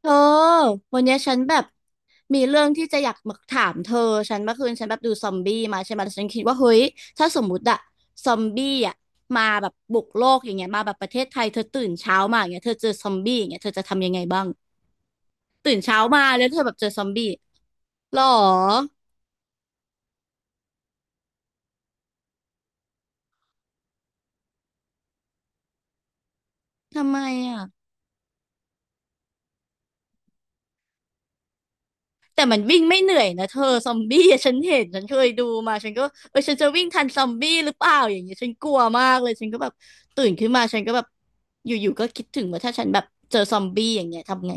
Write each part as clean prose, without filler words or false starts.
เธอวันเนี้ยฉันแบบมีเรื่องที่จะอยากมาถามเธอฉันเมื่อคืนฉันแบบดูซอมบี้มาใช่ไหมแล้วฉันคิดว่าเฮ้ยถ้าสมมุติอะซอมบี้อะมาแบบบุกโลกอย่างเงี้ยมาแบบประเทศไทยเธอตื่นเช้ามาอย่างเงี้ยเธอเจอซอมบี้อย่างเงี้ยเธอจะทำยังไงบ้างตื่นเช้ามาแล้วเธอแบบเจอซอมบี้หรอทำไมอะ แต่มันวิ่งไม่เหนื่อยนะเธอซอมบี้อะฉันเห็นฉันเคยดูมาฉันก็เออฉันจะวิ่งทันซอมบี้หรือเปล่าอย่างเงี้ยฉันกลัวมากเลยฉันก็แบบตื่นขึ้นมาฉันก็แบบอยู่ๆก็คิดถึงว่าถ้าฉันแบบเจอซอมบี้อย่างเงี้ยทำไง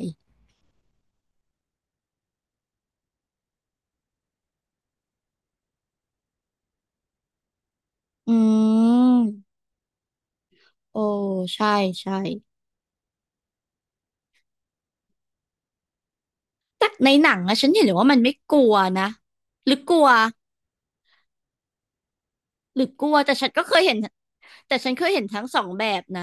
อืมโอ้ใช่ใช่แต่ในหนังอะฉันเห็นเลยว่ามันไม่กลัวนะหรือกลัวหรือกลัวแต่ฉันก็เคยเห็นแต่ฉันเคยเห็นทั้งสองแบบนะ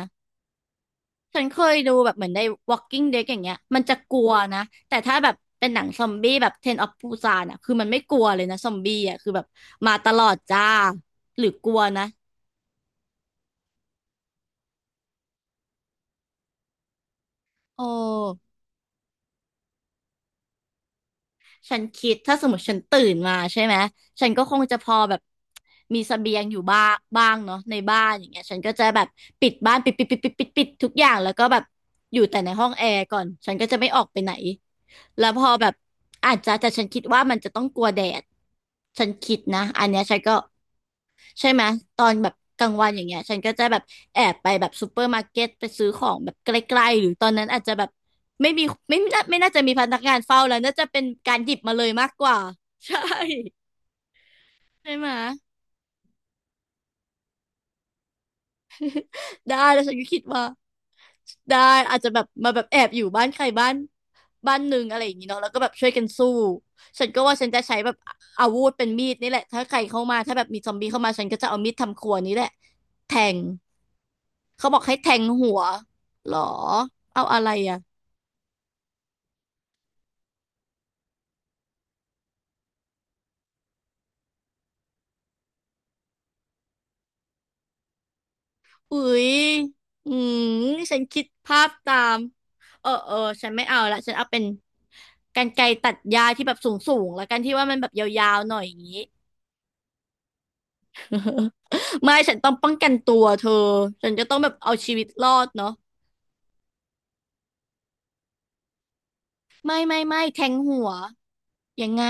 ฉันเคยดูแบบเหมือนใน Walking Dead อย่างเงี้ยมันจะกลัวนะแต่ถ้าแบบเป็นหนังซอมบี้แบบ Train of Busan อ่ะคือมันไม่กลัวเลยนะซอมบี้อ่ะคือแบบมาตลอดจ้าหรือกลัวนะโอ้ ฉันคิดถ้าสมมติฉันตื่นมาใช่ไหม ฉันก็คงจะพอแบบมีเสบียงอยู่บ้างบ้างเนาะในบ้านอย่างเงี้ยฉันก็จะแบบปิดบ้านปิดปิดปิดปิดปิดปิดทุกอย่างแล้วก็แบบอยู่แต่ในห้องแอร์ก่อน ฉันก็จะไม่ออกไปไหน แล้วพอแบบอาจจะแต่ฉันคิดว่ามันจะต้องกลัวแดดฉันคิดนะอันเนี้ยฉันก็ ใช่ไหมตอนแบบกลางวันอย่างเงี้ยฉันก็จะแบบแอบไปแบบซูเปอร์มาร์เก็ตไปซื้อของแบบใกล้ๆหรือตอนนั้นอาจจะแบบไม่มีไม่น่าไม่น่าจะมีพนักงานเฝ้าแล้วน่าจะเป็นการหยิบมาเลยมากกว่า ใช่ใช่ไหมได้แล้วฉันก็คิดว่าได้อาจจะแบบมาแบบแอบอยู่บ้านใครบ้านบ้านหนึ่งอะไรอย่างงี้เนาะแล้วก็แบบช่วยกันสู้ฉันก็ว่าฉันจะใช้แบบอาวุธเป็นมีดนี่แหละถ้าใครเข้ามาถ้าแบบมีซอมบี้เข้ามาฉันก็จะเอามีดทำครัวนี้แหละแทง เขาบอกให้แทงหัวหรอเอาอะไรอ่ะอุ๊ยอืมฉันคิดภาพตามเออเออฉันไม่เอาละฉันเอาเป็นกรรไกรตัดหญ้าที่แบบสูงสูงแล้วกันที่ว่ามันแบบยาวๆหน่อยอย่างนี้ ไม่ฉันต้องป้องกันตัวเธอฉันจะต้องแบบเอาชีวิตรอดเนาะไม่แทงหัวยังไง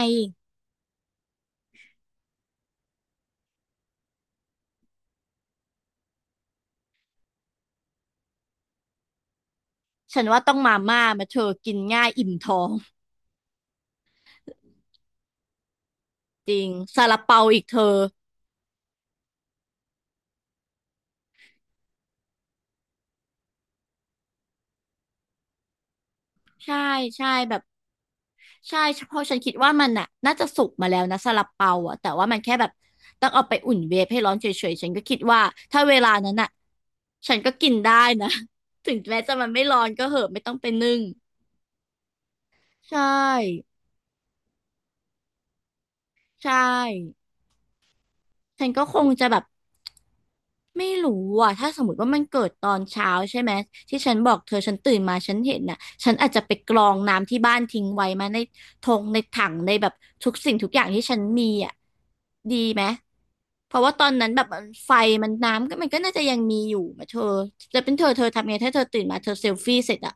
ฉันว่าต้องมาม่ามาเธอกินง่ายอิ่มท้องจริงซาลาเปาอีกเธอใช่ใช่แบบ ใช่เพราะฉันคิดว่ามันน่ะน่าจะสุกมาแล้วนะซาลาเปาอ่ะแต่ว่ามันแค่แบบต้องเอาไปอุ่นเวฟให้ร้อนเฉยๆฉันก็คิดว่าถ้าเวลานั้นน่ะฉันก็กินได้นะ ถึงแม้จะมันไม่ร้อนก็เหอะไม่ต้องไปนึ่งใช่ใช่ ฉันก็คงจะแบบไม่รู้อ่ะถ้าสมมติว่ามันเกิดตอนเช้าใช่ไหมที่ฉันบอกเธอฉันตื่นมาฉันเห็นน่ะฉันอาจจะไปกรองน้ำที่บ้านทิ้งไว้มาในทงในถังในแบบทุกสิ่งทุกอย่างที่ฉันมีอ่ะดีไหมเพราะว่าตอนนั้นแบบมันไฟมันน้ำก็มันก็น่าจะยังมีอยู่มาเธอจะเป็นเธอเธอทำไงถ้าเธอตื่นมาเธอเซลฟี่เสร็จอ่ะ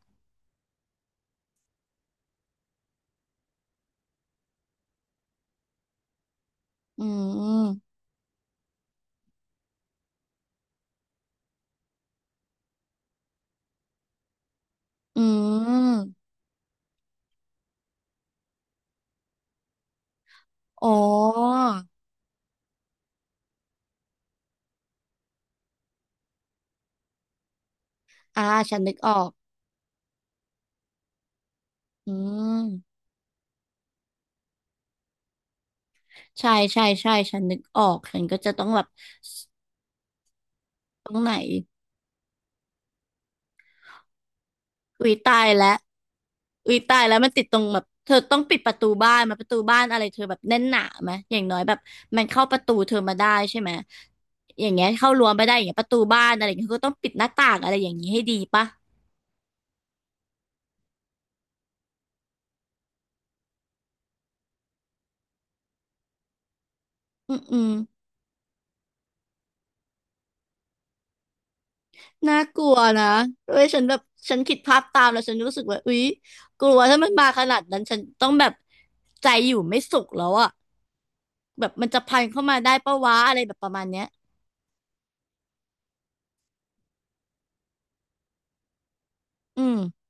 อืมอืมอ๋ออ่าฉันนึกออกอืม ใช่ใช่ใช่ฉันนึกออกฉันก็จะต้องแบบตรงไหนอุ้ยตายแล้วอุ้ยตายแล้วมันติดตรงแบบเธอต้องปิดประตูบ้านมาประตูบ้านอะไรเธอแบบแน่นหนาไหมอย่างน้อยแบบมันเข้าประตูเธอมาได้ใช่ไหมอย่างเงี้ยเข้ารั้วไม่ได้อย่างเงี้ยประตูบ้านอะไรอย่างเงี้ยเธอก็ต้องปิดหน้าต่างอะไรอย่างงี้ให้ดีปะอืมอืมน่ากลัวนะเว้ยฉันแบบฉันคิดภาพตามแล้วฉันรู้สึกว่าอุ๊ยกลัวถ้ามันมาขนาดนั้นฉันต้องแบบใจอยู่ไม่สุขแล้วอะแบบมันจะพันเข้ามาได้ปะวะอะไรแบบประมาณเนี้ย อืม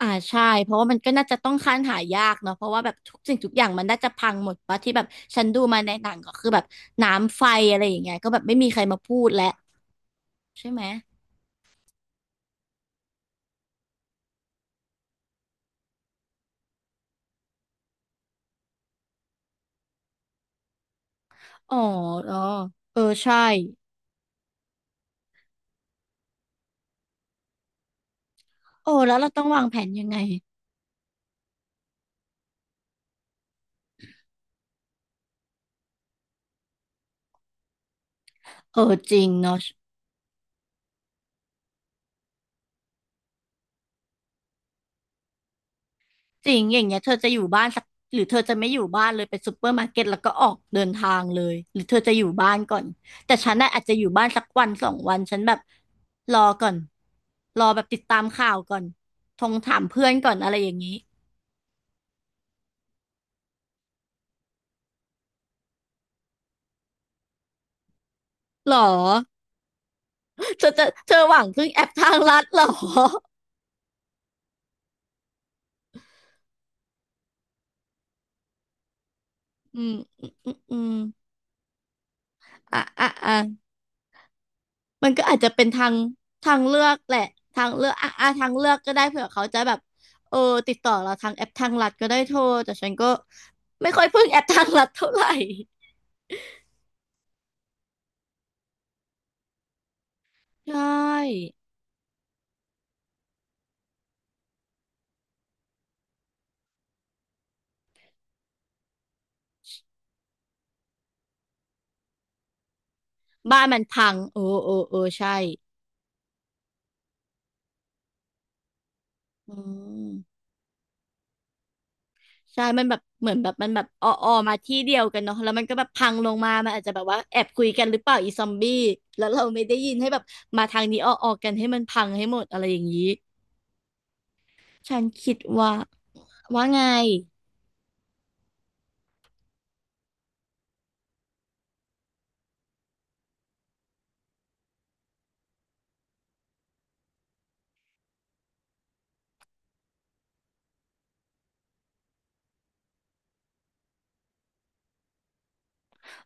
อ่าใช่เพราะว่ามันก็น่าจะต้องค้านหายากเนาะเพราะว่าแบบทุกสิ่งทุกอย่างมันน่าจะพังหมดปะที่แบบฉันดูมาในหนังก็คือแบบน้ำไฟอะไรอย่างเงี้ยก็แบบไม่มีใครมาพูดแล้วใช่ไหม อ๋ออ๋อเออ ใช่โอ้แล้วเราต้องวางแผนยังไง เออจริงเนาะ จริงอย่างเงี้ยเธอจะอยู่บ้านสักหรือเธอจะไม่อยู่บ้านเลยไปซูเปอร์มาร์เก็ตแล้วก็ออกเดินทางเลยหรือเธอจะอยู่บ้านก่อนแต่ฉันน่ะอาจจะอยู่บ้านสักวันสองวันฉันแบบรอก่อนแบบติดตามข่าวก่อนทงถามเพื่อนก่อนอะไรอย่างนี้หรอเธอหวังพึ่งแอปทางลัดหรออืมอืมอืมอืมอ่ะอ่ะอ่ะ มันก็อาจจะเป็นทางเลือกแหละทางเลือกอ่ะอ่ะทางเลือกก็ได้เผื่อเขาจะแบบเออติดต่อเราทางแอปทางลัดก็ได้โทรแต่ฉันก็ไม่ค่อยพึ่งแอปทางลัดเท่าไหร่ ใช่บ้านมันพังโอ้โอ้โอ้ใช่อืมใช่มันแบบเหมือนแบบมันแบบออออมาที่เดียวกันเนาะแล้วมันก็แบบพังลงมามันอาจจะแบบว่าแอบคุยกันหรือเปล่าอีซอมบี้แล้วเราไม่ได้ยินให้แบบมาทางนี้ออออกันให้มันพังให้หมดอะไรอย่างนี้ฉันคิดว่าว่าไง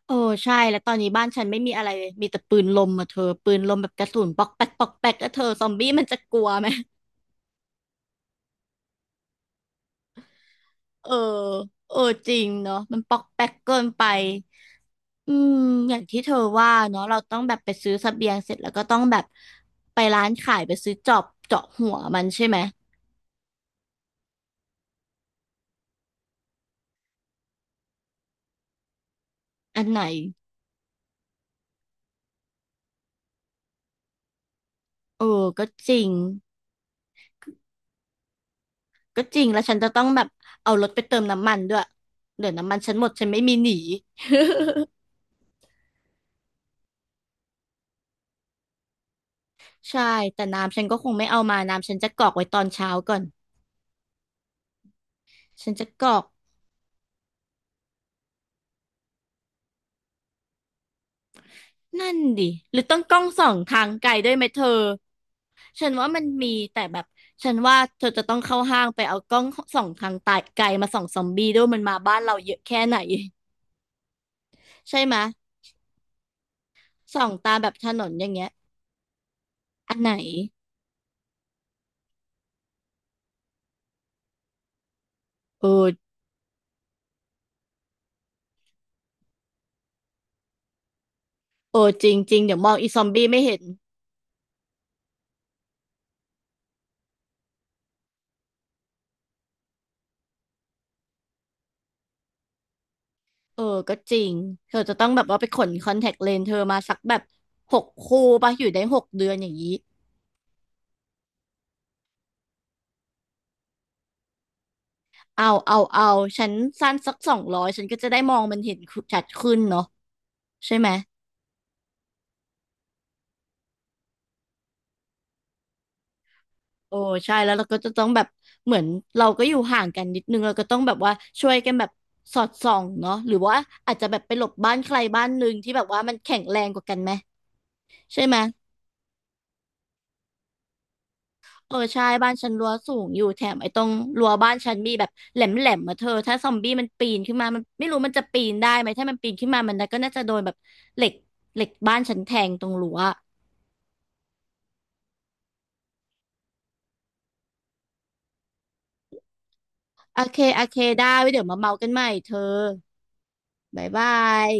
โอ้ใช่แล้วตอนนี้บ้านฉันไม่มีอะไรเลยมีแต่ปืนลมอะเธอปืนลมแบบกระสุนปอกแป๊กปอกแป๊กแล้วเธอซอมบี้มันจะกลัวไหมเออเออจริงเนาะมันปอกแป๊กเกินไปอืมอย่างที่เธอว่าเนาะเราต้องแบบไปซื้อเสบียงเสร็จแล้วก็ต้องแบบไปร้านขายไปซื้อจอบเจาะหัวมันใช่ไหมอันไหนเออก็จริงก็จริงแล้วฉันจะต้องแบบเอารถไปเติมน้ำมันด้วยเดี๋ยวน้ำมันฉันหมดฉันไม่มีหนี ใช่แต่น้ำฉันก็คงไม่เอามาน้ำฉันจะกรอกไว้ตอนเช้าก่อน ฉันจะกรอกนั่นดิหรือต้องกล้องส่องทางไกลด้วยไหมเธอฉันว่ามันมีแต่แบบฉันว่าเธอจะต้องเข้าห้างไปเอากล้องส่องทางไกลมาส่องซอมบี้ด้วยมันมาบ้านเราเยอะแค่ไหนใช่ไหมยส่องตาแบบถนนอย่างเงี้ยอันไหนเอเอจริงจริงเดี๋ยวมองอีซอมบี้ไม่เห็นเออก็จริงเธอจะต้องแบบว่าไปขนคอนแทคเลนส์เธอมาสักแบบหกคู่ปะอยู่ได้หกเดือนอย่างนี้เอาเอาเอาฉันสั้นสักสองร้อยฉันก็จะได้มองมันเห็นชัดขึ้นเนาะ ใช่ไหมโอ้ใช่แล้วเราก็จะต้องแบบเหมือนเราก็อยู่ห่างกันนิดนึงเราก็ต้องแบบว่าช่วยกันแบบสอดส่องเนาะหรือว่าอาจจะแบบไปหลบบ้านใครบ้านหนึ่งที่แบบว่ามันแข็งแรงกว่ากันไหมใช่ไหมเออใช่บ้านฉันรั้วสูงอยู่แถมไอ้ตรงรั้วบ้านฉันมีแบบแหลมแหลมมาเธอถ้าซอมบี้มันปีนขึ้นมามันไม่รู้มันจะปีนได้ไหมถ้ามันปีนขึ้นมามันก็น่าจะโดนแบบเหล็กเหล็กบ้านฉันแทงตรงรั้วโอเคโอเคได้ไว้เดี๋ยวมาเมากันใหม่เธอบ๊ายบาย